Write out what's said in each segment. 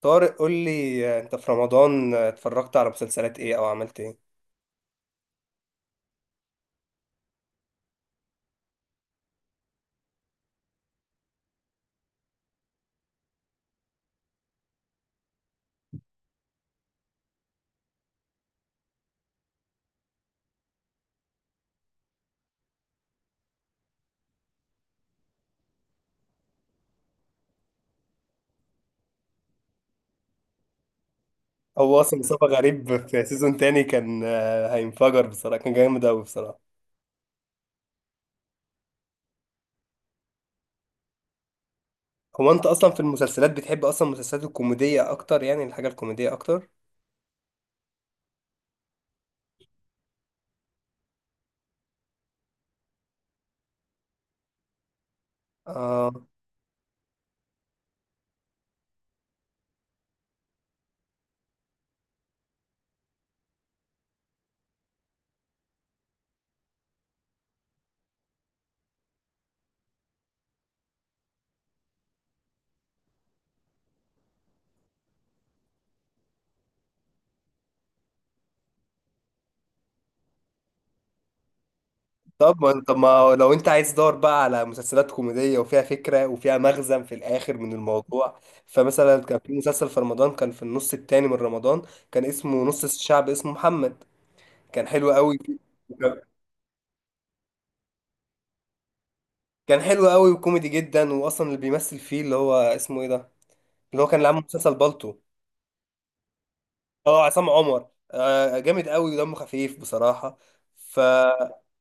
طارق قول لي، انت في رمضان اتفرجت على مسلسلات ايه او عملت ايه؟ هو اصلا مصطفى غريب في سيزون تاني كان، هينفجر بصراحة، كان جامد اوي بصراحة. هو انت اصلا في المسلسلات بتحب اصلا المسلسلات الكوميدية اكتر، يعني الحاجة الكوميدية اكتر؟ آه، طب ما انت ما لو انت عايز دور بقى على مسلسلات كوميدية وفيها فكرة وفيها مغزى في الاخر من الموضوع، فمثلا كان في مسلسل في رمضان، كان في النص التاني من رمضان، كان اسمه نص الشعب اسمه محمد. كان حلو قوي، كان حلو قوي وكوميدي جدا، واصلا اللي بيمثل فيه اللي هو اسمه ايه ده، اللي هو كان اللي عامل مسلسل بالطو. اه، عصام عمر، آه جامد قوي ودمه خفيف بصراحه. فكان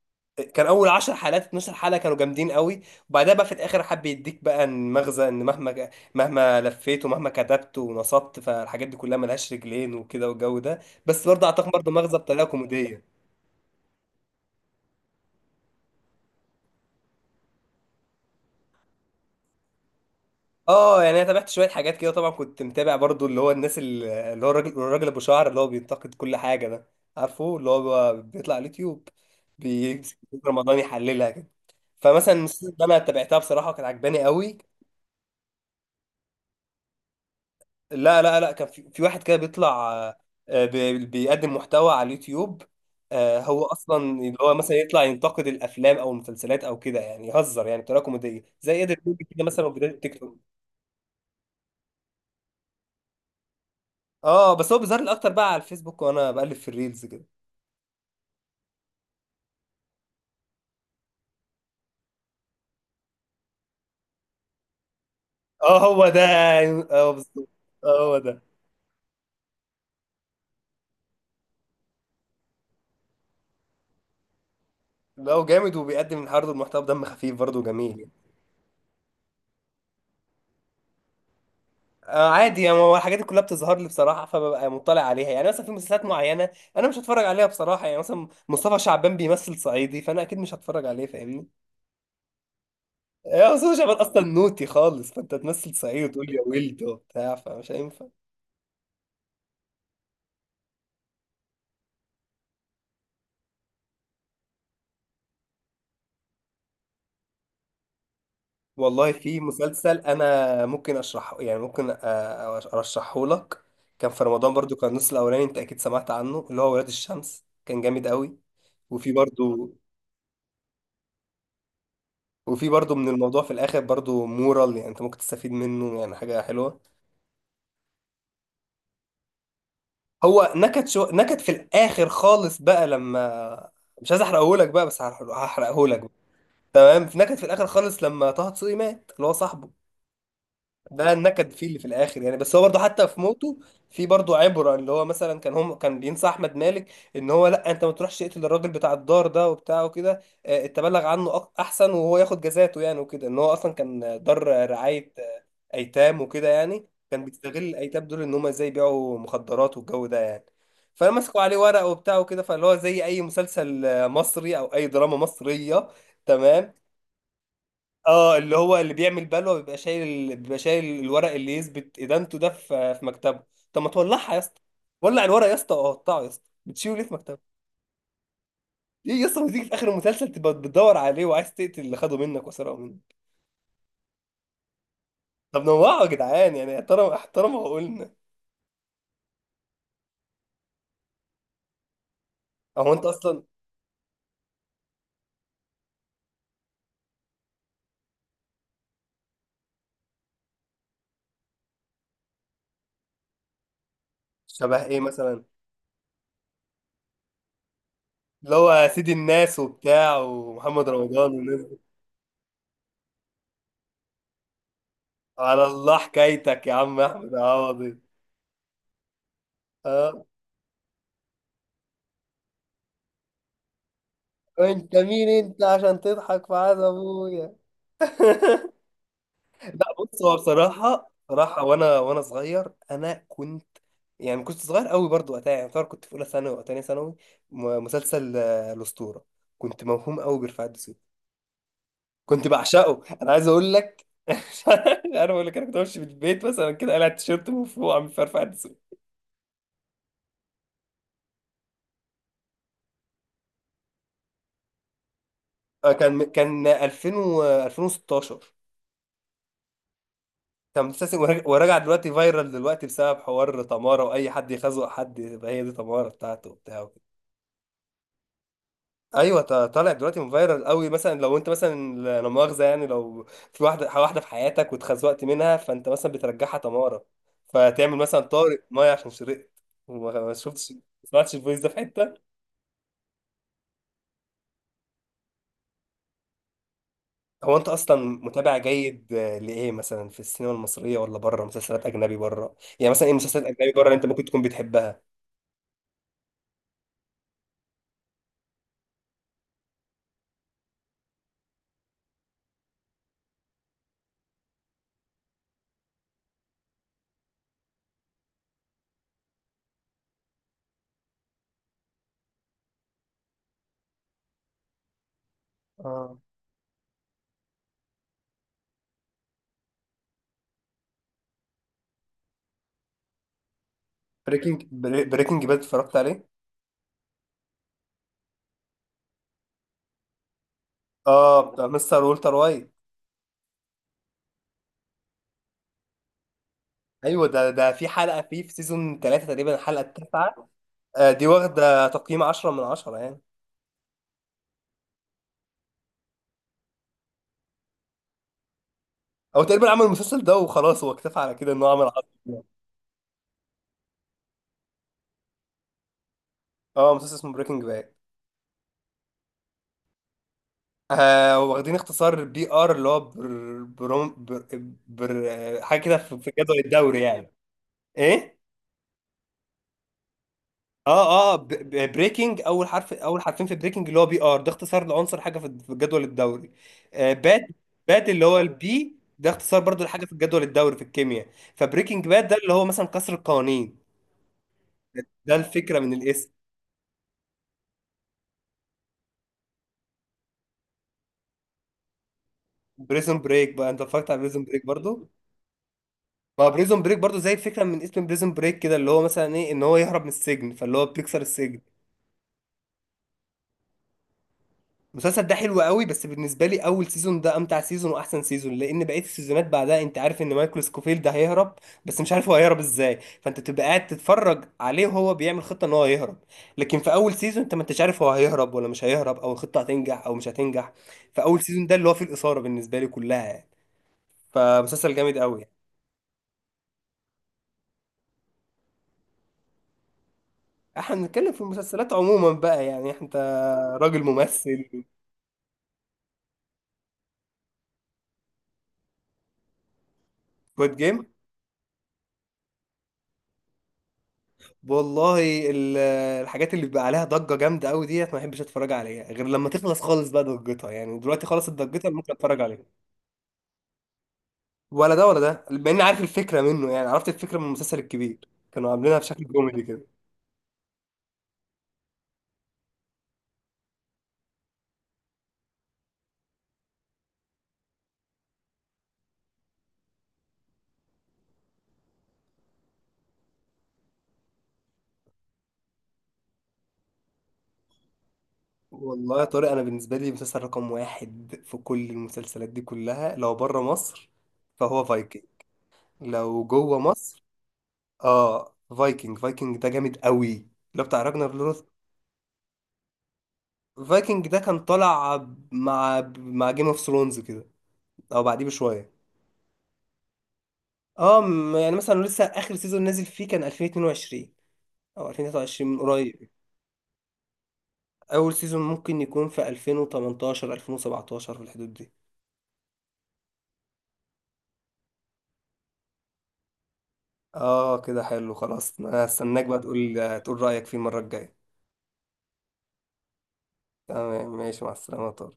اول 10 حلقات 12 حلقه كانوا جامدين قوي، وبعدها بقى في الاخر حب يديك بقى المغزى ان مهما لفيت ومهما كتبت ونصبت، فالحاجات دي كلها ملهاش رجلين وكده والجو ده. بس برضه اعتقد برضه مغزى بطريقه كوميديه. اه يعني انا تابعت شويه حاجات كده، طبعا كنت متابع برضو اللي هو اللي هو الراجل ابو شعر اللي هو بينتقد كل حاجه ده، عارفه اللي هو بيطلع على اليوتيوب، بيمسك رمضان يحللها كده. فمثلا المسلسل اللي انا تابعتها بصراحه كانت عجباني قوي. لا، كان في واحد كده بيطلع، بيقدم محتوى على اليوتيوب. هو اصلا اللي هو مثلا يطلع ينتقد الافلام او المسلسلات او كده، يعني يهزر يعني بطريقه كوميديه زي قدر كده مثلا، وبدايه التيك توك. اه بس هو بيظهر لي اكتر بقى على الفيسبوك وانا بقلب في الريلز كده. اه هو ده يعني، اه بالظبط. اه هو ده. لا هو جامد وبيقدم عرض محتوى بدم خفيف برضه جميل يعني. آه عادي يعني، هو الحاجات دي كلها بتظهر لي بصراحه، فببقى مطلع عليها. يعني مثلا في مسلسلات معينه انا مش هتفرج عليها بصراحه، يعني مثلا مصطفى شعبان بيمثل صعيدي، فانا اكيد مش هتفرج عليه، فاهمني؟ يا مصطفى شعبان اصلا نوتي خالص، فانت تمثل صعيدي وتقول لي يا ولد وبتاع، فمش هينفع. والله في مسلسل انا ممكن اشرحه، يعني ارشحه لك. كان في رمضان برضو كان النص الاولاني، انت اكيد سمعت عنه، اللي هو ولاد الشمس، كان جامد قوي. وفي برضو وفي برضو من الموضوع في الاخر برضو مورال، يعني انت ممكن تستفيد منه يعني حاجة حلوة. هو نكت في الاخر خالص بقى لما، مش عايز احرقه لك بقى بس هحرقه لك. تمام، في نكت في الاخر خالص لما طه دسوقي مات اللي هو صاحبه، ده النكد فيه اللي في الاخر يعني. بس هو برضه حتى في موته في برضه عبره، اللي هو مثلا كان هم كان بينصح احمد مالك ان هو لا، انت ما تروحش تقتل الراجل بتاع الدار ده وبتاع وكده، احسن وهو ياخد جزاته يعني وكده، ان هو اصلا كان دار رعايه ايتام وكده، يعني كان بيستغل الايتام دول ان هم ازاي يبيعوا مخدرات والجو ده يعني. فمسكوا عليه ورق وبتاع وكده، فاللي هو زي اي مسلسل مصري او اي دراما مصريه. تمام، اه اللي هو اللي بيعمل بلوه بيبقى شايل الورق اللي يثبت ادانته ده في في مكتبه. طب ما تولعها يا اسطى، ولع الورق يا اسطى وقطعه يا اسطى، بتشيله ليه في مكتبه؟ ايه يا اسطى، ما تيجي في اخر المسلسل تبقى بتدور عليه وعايز تقتل اللي خده منك وسرقه منك. طب نوعه يا جدعان يعني، احترم احترم عقولنا. هو انت اصلا شبه ايه مثلا؟ اللي هو سيد الناس وبتاع ومحمد رمضان والناس دي. على الله حكايتك يا عم احمد عوضي. اه، انت مين انت عشان تضحك في عاد ابويا؟ لا بص، هو بصراحة صراحة وانا وانا صغير كنت، يعني كنت صغير قوي برضو وقتها، يعني يعتبر كنت في اولى ثانوي او تانية ثانوي. مسلسل الاسطورة، كنت موهوم قوي برفعت الدسوقي، كنت بعشقه، انا عايز اقول لك مش عارف اقول لك، انا كنت بمشي من البيت مثلا كده قلعت تيشيرت مفروع من فرفعة الدسوقي. كان 2000 و 2016. كان مسلسل، وراجع وراجع دلوقتي، فايرال دلوقتي بسبب حوار تمارة، واي حد يخزق حد يبقى هي دي تمارة بتاعته وبتاع. ايوه، طالع دلوقتي فايرال قوي. مثلا لو انت مثلا لا مؤاخذه يعني، لو في واحده في حياتك واتخزوقت منها، فانت مثلا بترجعها تماره، فتعمل مثلا طارق ميه عشان شرقت وما ما شفتش ما سمعتش الفويس ده في حته. هو انت اصلا متابع جيد، لايه مثلا في السينما المصريه ولا بره مسلسلات اجنبي بره؟ يعني مثلا ايه مسلسلات اجنبي بره اللي انت ممكن تكون بتحبها؟ اه، بريكنج بريكنج باد، اتفرجت عليه؟ اه بتاع مستر والتر وايت. ايوه ده، ده في حلقه فيه في سيزون ثلاثة تقريبا الحلقه التاسعه، دي واخدة تقييم 10 من 10 يعني. هو تقريبا عمل المسلسل ده وخلاص، هو اكتفى على كده انه عمل 10 يعني. اه مسلسل اسمه بريكنج باد. آه، واخدين اختصار بي ار اللي هو بر بروم بر, بر آه، حاجة كده في في جدول الدوري يعني. ايه؟ اه اه، بريكنج اول حرف، اول حرفين في بريكنج اللي هو بي ار، ده اختصار لعنصر حاجة في في جدول الدوري. آه باد، باد اللي هو البي ده اختصار برضو لحاجة في الجدول الدوري في الكيمياء. فبريكنج باد ده اللي هو مثلا كسر القوانين، ده الفكرة من الاسم. بريزون بريك بقى، انت اتفرجت على بريزون بريك برضو؟ ما بريزون بريك برضو زي الفكره من اسم بريزون بريك كده، اللي هو مثلا ايه ان هو يهرب من السجن، فاللي هو بيكسر السجن. المسلسل ده حلو قوي، بس بالنسبه لي اول سيزون ده امتع سيزون واحسن سيزون، لان بقيه السيزونات بعدها انت عارف ان مايكل سكوفيلد ده هيهرب، بس مش عارف هو هيهرب ازاي، فانت تبقى قاعد تتفرج عليه وهو بيعمل خطه ان هو هيهرب. لكن في اول سيزون انت ما انتش عارف هو هيهرب ولا مش هيهرب، او الخطه هتنجح او مش هتنجح، فاول سيزون ده اللي هو فيه الاثاره بالنسبه لي كلها يعني. فمسلسل جامد قوي يعني. احنا بنتكلم في المسلسلات عموما بقى يعني، انت راجل ممثل. كود جيم، والله الحاجات اللي بيبقى عليها ضجة جامدة قوي ديت ما بحبش اتفرج عليها غير لما تخلص خالص بقى ضجتها، يعني دلوقتي خلصت ضجتها ممكن اتفرج عليها. ولا ده ولا ده، بما اني عارف الفكرة منه، يعني عرفت الفكرة من المسلسل الكبير كانوا عاملينها بشكل كوميدي كده. والله يا طارق، انا بالنسبة لي مسلسل رقم واحد في كل المسلسلات دي كلها، لو بره مصر فهو فايكنج، لو جوه مصر، اه فايكنج. فايكنج ده جامد قوي، اللي هو بتاع راجنر لوث. فايكنج ده كان طالع مع جيم اوف ثرونز كده او بعديه بشويه. اه، يعني مثلا لسه اخر سيزون نازل فيه كان 2022 او 2023 من قريب. اول سيزون ممكن يكون في 2018 2017 في الحدود دي. اه كده حلو خلاص، انا هستناك بقى تقول رايك فيه المره الجايه. تمام ماشي، مع السلامه.